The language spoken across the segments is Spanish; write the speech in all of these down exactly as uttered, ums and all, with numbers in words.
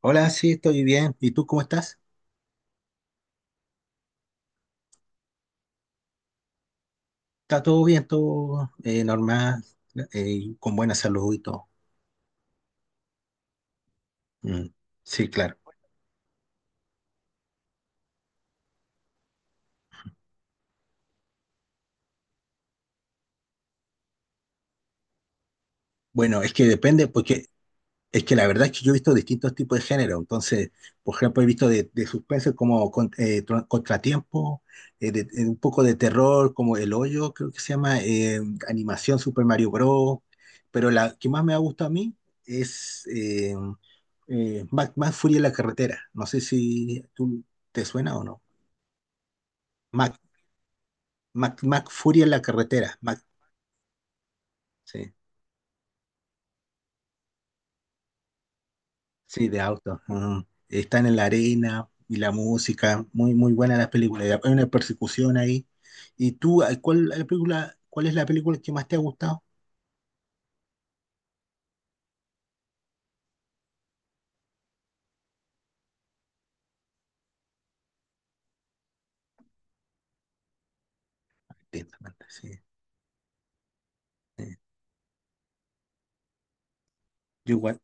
Hola, sí, estoy bien. ¿Y tú cómo estás? ¿Está todo bien? ¿Todo eh, normal? Eh, con buena salud y todo. Mm, sí, claro. Bueno, es que depende, porque es que la verdad es que yo he visto distintos tipos de género. Entonces, por ejemplo, he visto de, de suspenso como con- eh, tro- Contratiempo, eh, de- eh, un poco de terror como El Hoyo, creo que se llama, eh, animación Super Mario Bros. Pero la que más me ha gustado a mí es eh, eh, Mac, Mac Fury en la carretera. No sé si tú te suena o no. Mac, Mac, Mac Fury en la carretera. Mac, sí. Sí, de auto, ajá. Están en la arena y la música, muy muy buena las películas. Y hay una persecución ahí. ¿Y tú, a- cuál la película, cuál es la película que más te ha gustado? Intensamente, sí. Sí. Yo igual,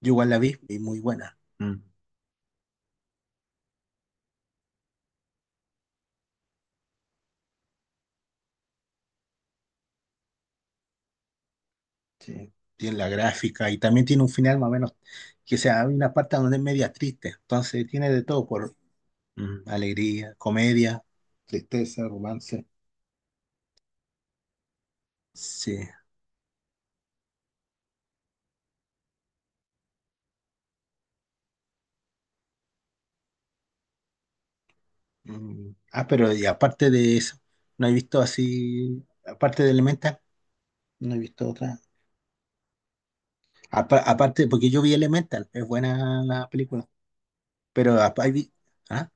yo igual la vi y muy buena. Mm, sí. Tiene la gráfica y también tiene un final más o menos, que sea, hay una parte donde es media triste. Entonces tiene de todo: por mm, alegría, comedia, tristeza, romance. Sí. Mm, Ah, pero y aparte de eso, no he visto así, aparte de Elemental, no he visto otra. Apa- aparte, porque yo vi Elemental, es buena la película, pero apa- ahí vi- ah,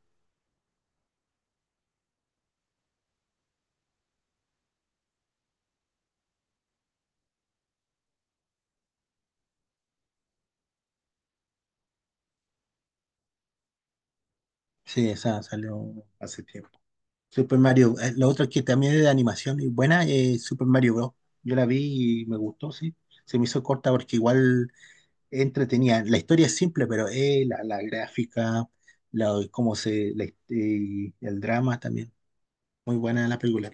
sí, esa salió hace tiempo. Super Mario, eh, la otra que también es de animación y buena es Super Mario Bros. Yo la vi y me gustó, sí. Se me hizo corta porque igual entretenía. La historia es simple, pero eh, la, la gráfica, la, cómo se, la- eh, el drama también. Muy buena la película.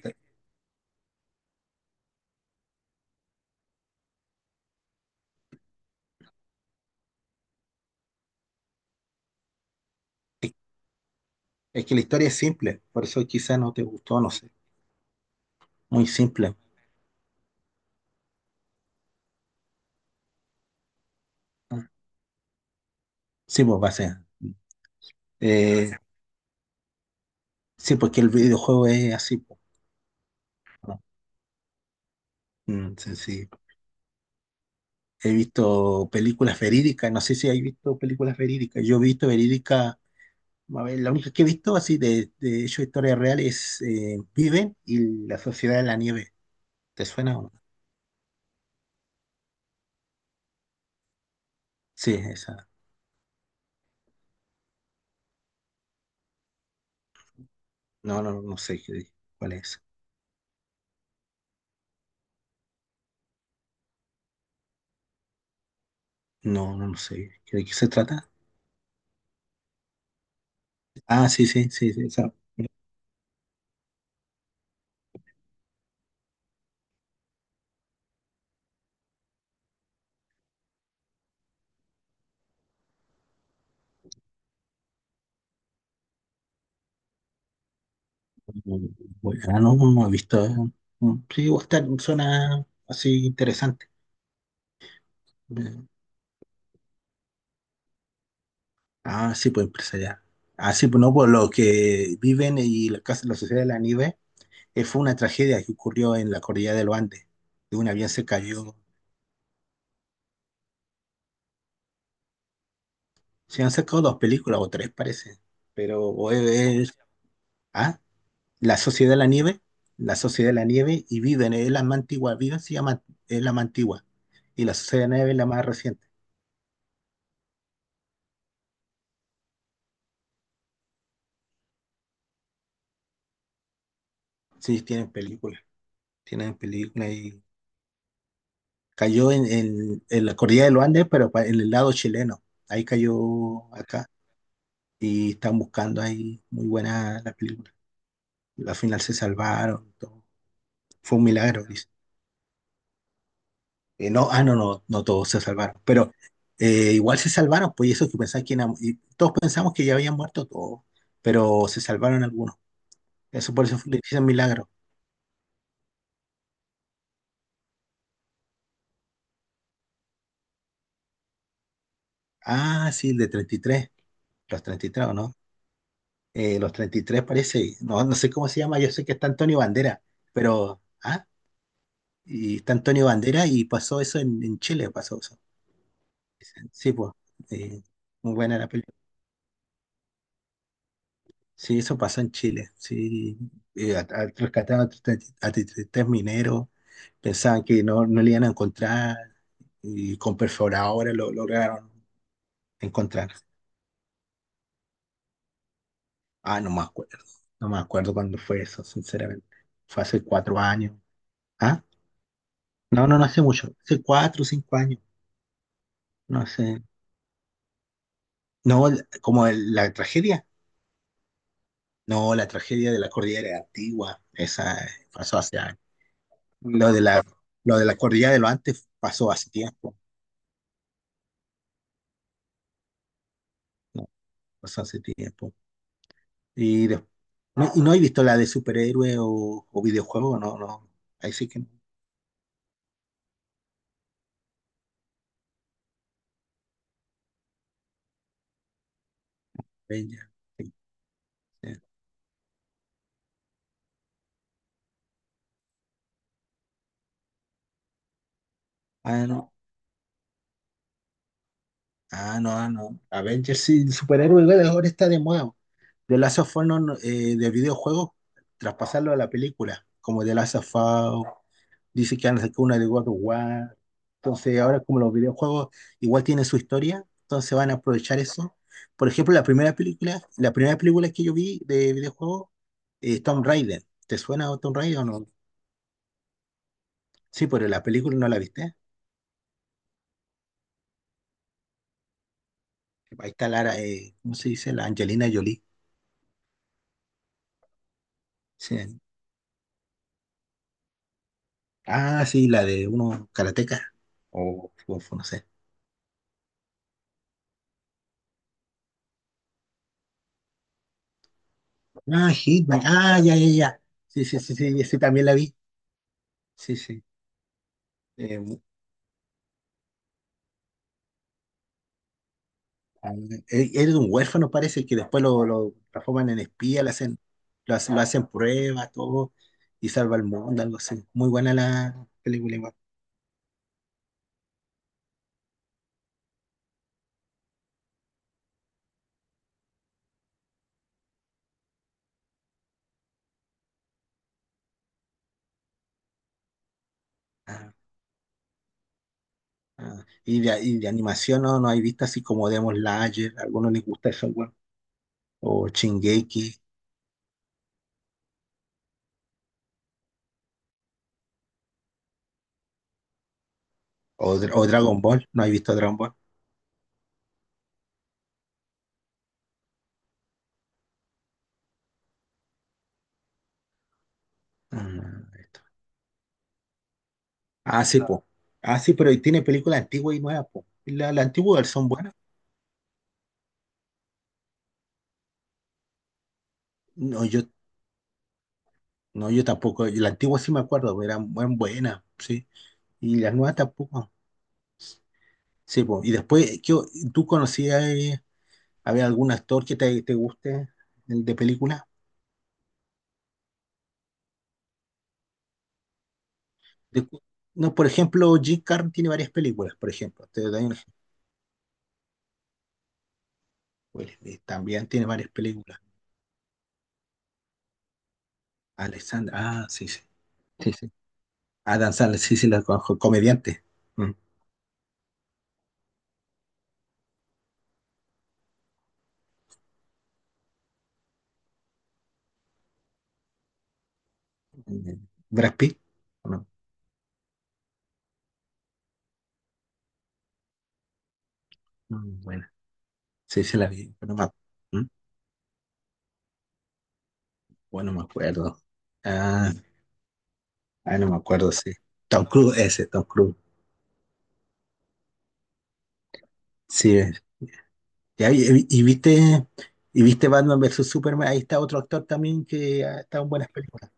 Es que la historia es simple, por eso quizá no te gustó, no sé. Muy simple. Ah, sí, pues va a ser. Eh, sí, porque el videojuego es así, pues, ¿no? Mm, sí, sí. He visto películas verídicas, no sé si hay visto películas verídicas. Yo he visto verídicas, a ver, la única que he visto así de, de hecho historia real es eh, Viven y La Sociedad de la Nieve. ¿Te suena o no? Sí, esa. No, no, no sé qué- cuál es. No, no, no sé. ¿De qué se trata? Ah, sí, sí, sí, sí, esa. Mm, Bueno, no, no he visto, eh. Mm, Sí, Oscar suena así interesante. Eh, Ah, sí, pues empresarial. Ah, sí, pues no, pues los que viven y la, casa- la sociedad de la nieve eh, fue una tragedia que ocurrió en la cordillera de los Andes. De un avión se cayó. Se han sacado dos películas o tres, parece. Pero o es- es- ah, la sociedad de la nieve, la sociedad de la nieve y viven, es la más antigua, viven se llama, es la más antigua. Y la sociedad de la nieve es la más reciente. Sí, tienen películas, tienen película. Y cayó en, en- en la cordillera de los Andes, pero pa- en el lado chileno. Ahí cayó acá y están buscando ahí. Muy buena la película. Al final se salvaron, todo. Fue un milagro, dice. Eh, no, ah, no, no, no todos se salvaron, pero eh, igual se salvaron, pues, y eso que pensaba que eran, y todos pensamos que ya habían muerto todos, pero se salvaron algunos. Eso, por eso le dicen milagro. Ah, sí, el de treinta y tres, los treinta y tres, ¿o no? Eh, los treinta y tres parece, no, no sé cómo se llama, yo sé que está Antonio Bandera, pero, ah, y está Antonio Bandera y pasó eso en, en Chile, pasó eso. Sí, pues, eh, muy buena la película. Sí, eso pasó en Chile, sí, eh, a- a- rescataron a treinta y tres, a treinta y tres mineros, pensaban que no, no le iban a encontrar y con perforadora lo lograron encontrar. Ah, no me acuerdo, no me acuerdo cuándo fue eso, sinceramente. Fue hace cuatro años. ¿Ah? No, no, no hace mucho, hace cuatro o cinco años. No sé. No, el- como el- la tragedia. No, la tragedia de la cordillera antigua. Esa eh, pasó hace años. Lo de la, lo de la cordillera de lo antes pasó hace tiempo. No, pasó hace tiempo. Y, des- no, y no he visto la de superhéroe o, o videojuego. No, no. Ahí sí que no. Avengers, sí, sí. Ah, no. Ah, no, ah, no. Avengers sí, el superhéroe güey, ahora está de moda. The Last of Us no, no, eh, de videojuegos, traspasarlo a la película. Como The Last of Us. Dice que han sacado una de God of War. Entonces, ahora como los videojuegos igual tienen su historia, entonces van a aprovechar eso. Por ejemplo, la primera película, la primera película que yo vi de videojuego es Tomb Raider. ¿Te suena Tomb Raider o no? Sí, pero la película no la viste. Ahí está Lara, eh, ¿cómo se dice? La Angelina Jolie. Sí. Ah, sí, la de uno karateca. O o no sé. Ah, Hitman. Ah, ya, ya, ya. Sí, sí, sí, sí, sí, también la vi. Sí, sí. Eh, Ah, Él él es un huérfano, parece, que después lo, lo transforman en espía, le hacen, lo, hacen lo hacen pruebas, todo, y salva al mundo, algo así. Muy buena la película igual. Ah, y, de, y de animación no, no hay visto así como Demon Slayer, a algunos les gusta eso, weón. O Shingeki, o, Dra- o Dragon Ball, no hay visto Dragon Ball. Ah, esto. Ah, sí, po. Ah, sí, pero tiene películas antiguas y nuevas, po. La, la antigua son buenas. No, yo, no, yo tampoco. La antigua sí me acuerdo, eran buen- buenas, sí. Y las nuevas tampoco. Sí, po. Y después, ¿qué o- ¿tú conocías, eh, había algún actor que te, te guste el de película? De- no, por ejemplo, Jim Carrey tiene varias películas, por ejemplo. Te doy un ejemplo. Pues, eh, también tiene varias películas. Alexander, ah, sí, sí, sí, sí. Adam Sandler, sí, sí, la conozco, comediante. Mm. Eh, Brad Pitt, ¿o no? Mm, Bueno, sí, sí, la vi, pero no me, ac- ¿mm? Bueno, no me acuerdo. Ah, ah, no me acuerdo, sí. Tom Cruise, ese, Tom Cruise. Sí, eh, ya, y, y y viste, y viste Batman versus Superman, ahí está otro actor también que ha estado en buenas películas.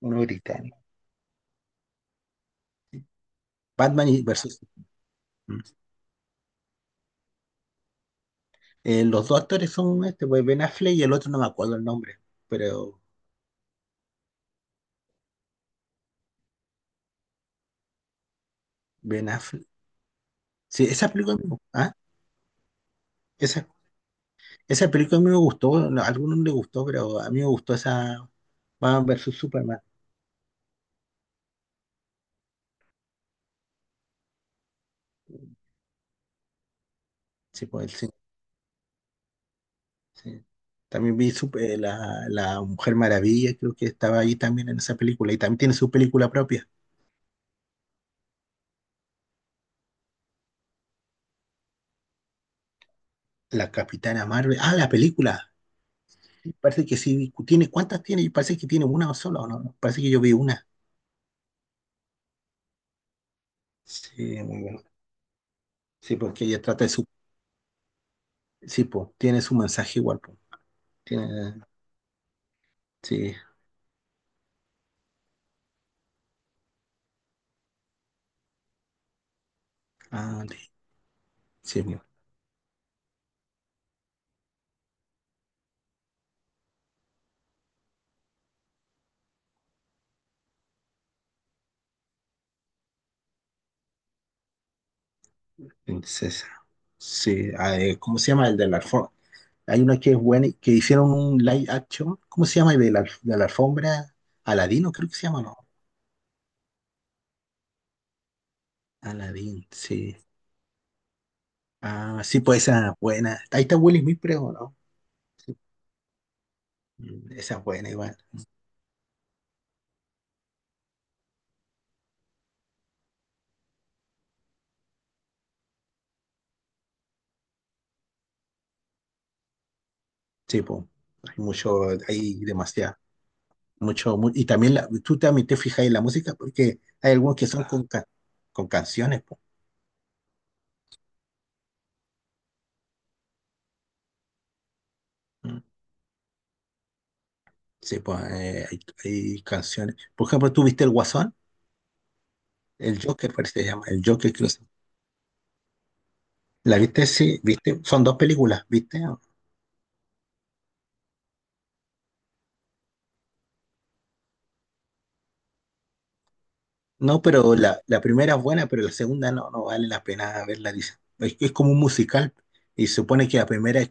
Uno británico. Batman y versus. Mm. Eh, los dos actores son este, pues Ben Affleck y el otro no me acuerdo el nombre, pero Ben Affleck. Sí, esa película, me gu- ah, esa, esa película a mí me gustó, no, a algunos no les gustó, pero a mí me gustó esa, Batman versus Superman. Sí, pues sí, sí. También vi Sup- eh, la, la Mujer Maravilla, creo que estaba ahí también en esa película y también tiene su película propia. La Capitana Marvel. Ah, la película. Parece que sí. ¿Tiene, cuántas tiene? Parece que tiene una sola, ¿o no? Parece que yo vi una. Sí, muy bueno. Sí, porque ella trata de su. Sí, po, tiene su mensaje igual, po. Tiene. Sí. Ah, de- sí, po, princesa. Sí. Ah, eh, ¿cómo se llama? El de la alfombra. Hay una que es buena, y que hicieron un live action. ¿Cómo se llama? El de la, de la alfombra. Aladino, creo que se llama, ¿no? Aladín, sí. Ah, sí, pues esa es buena. Ahí está Will Smith, creo, ¿no? Sí. Mm, Esa es buena, igual. Sí, po. Hay mucho, hay demasiado, mucho, mu- y también la, tú también te fijas en la música porque hay algunos que son con, ca- con canciones, po. Mm. Sí, pues, hay, hay canciones. Por ejemplo, tú viste El Guasón, El Joker, parece que se llama, El Joker, creo que se- ¿la viste? Sí, viste, son dos películas, ¿viste? No, pero la, la primera es buena, pero la segunda no, no vale la pena verla, dice. Es, es como un musical y se supone que la primera es.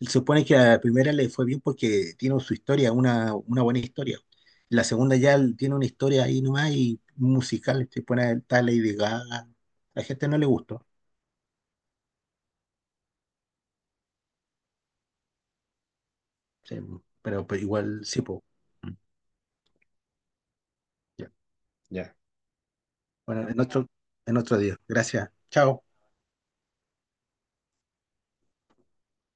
Se supone que a la primera le fue bien porque tiene su historia, una, una buena historia. La segunda ya tiene una historia ahí nomás y musical, se pone a tal Lady Gaga. A la gente no le gustó, sí, pero, pero igual sí, po. Ya. Ya. Bueno, en otro, en otro día. Gracias. Chao.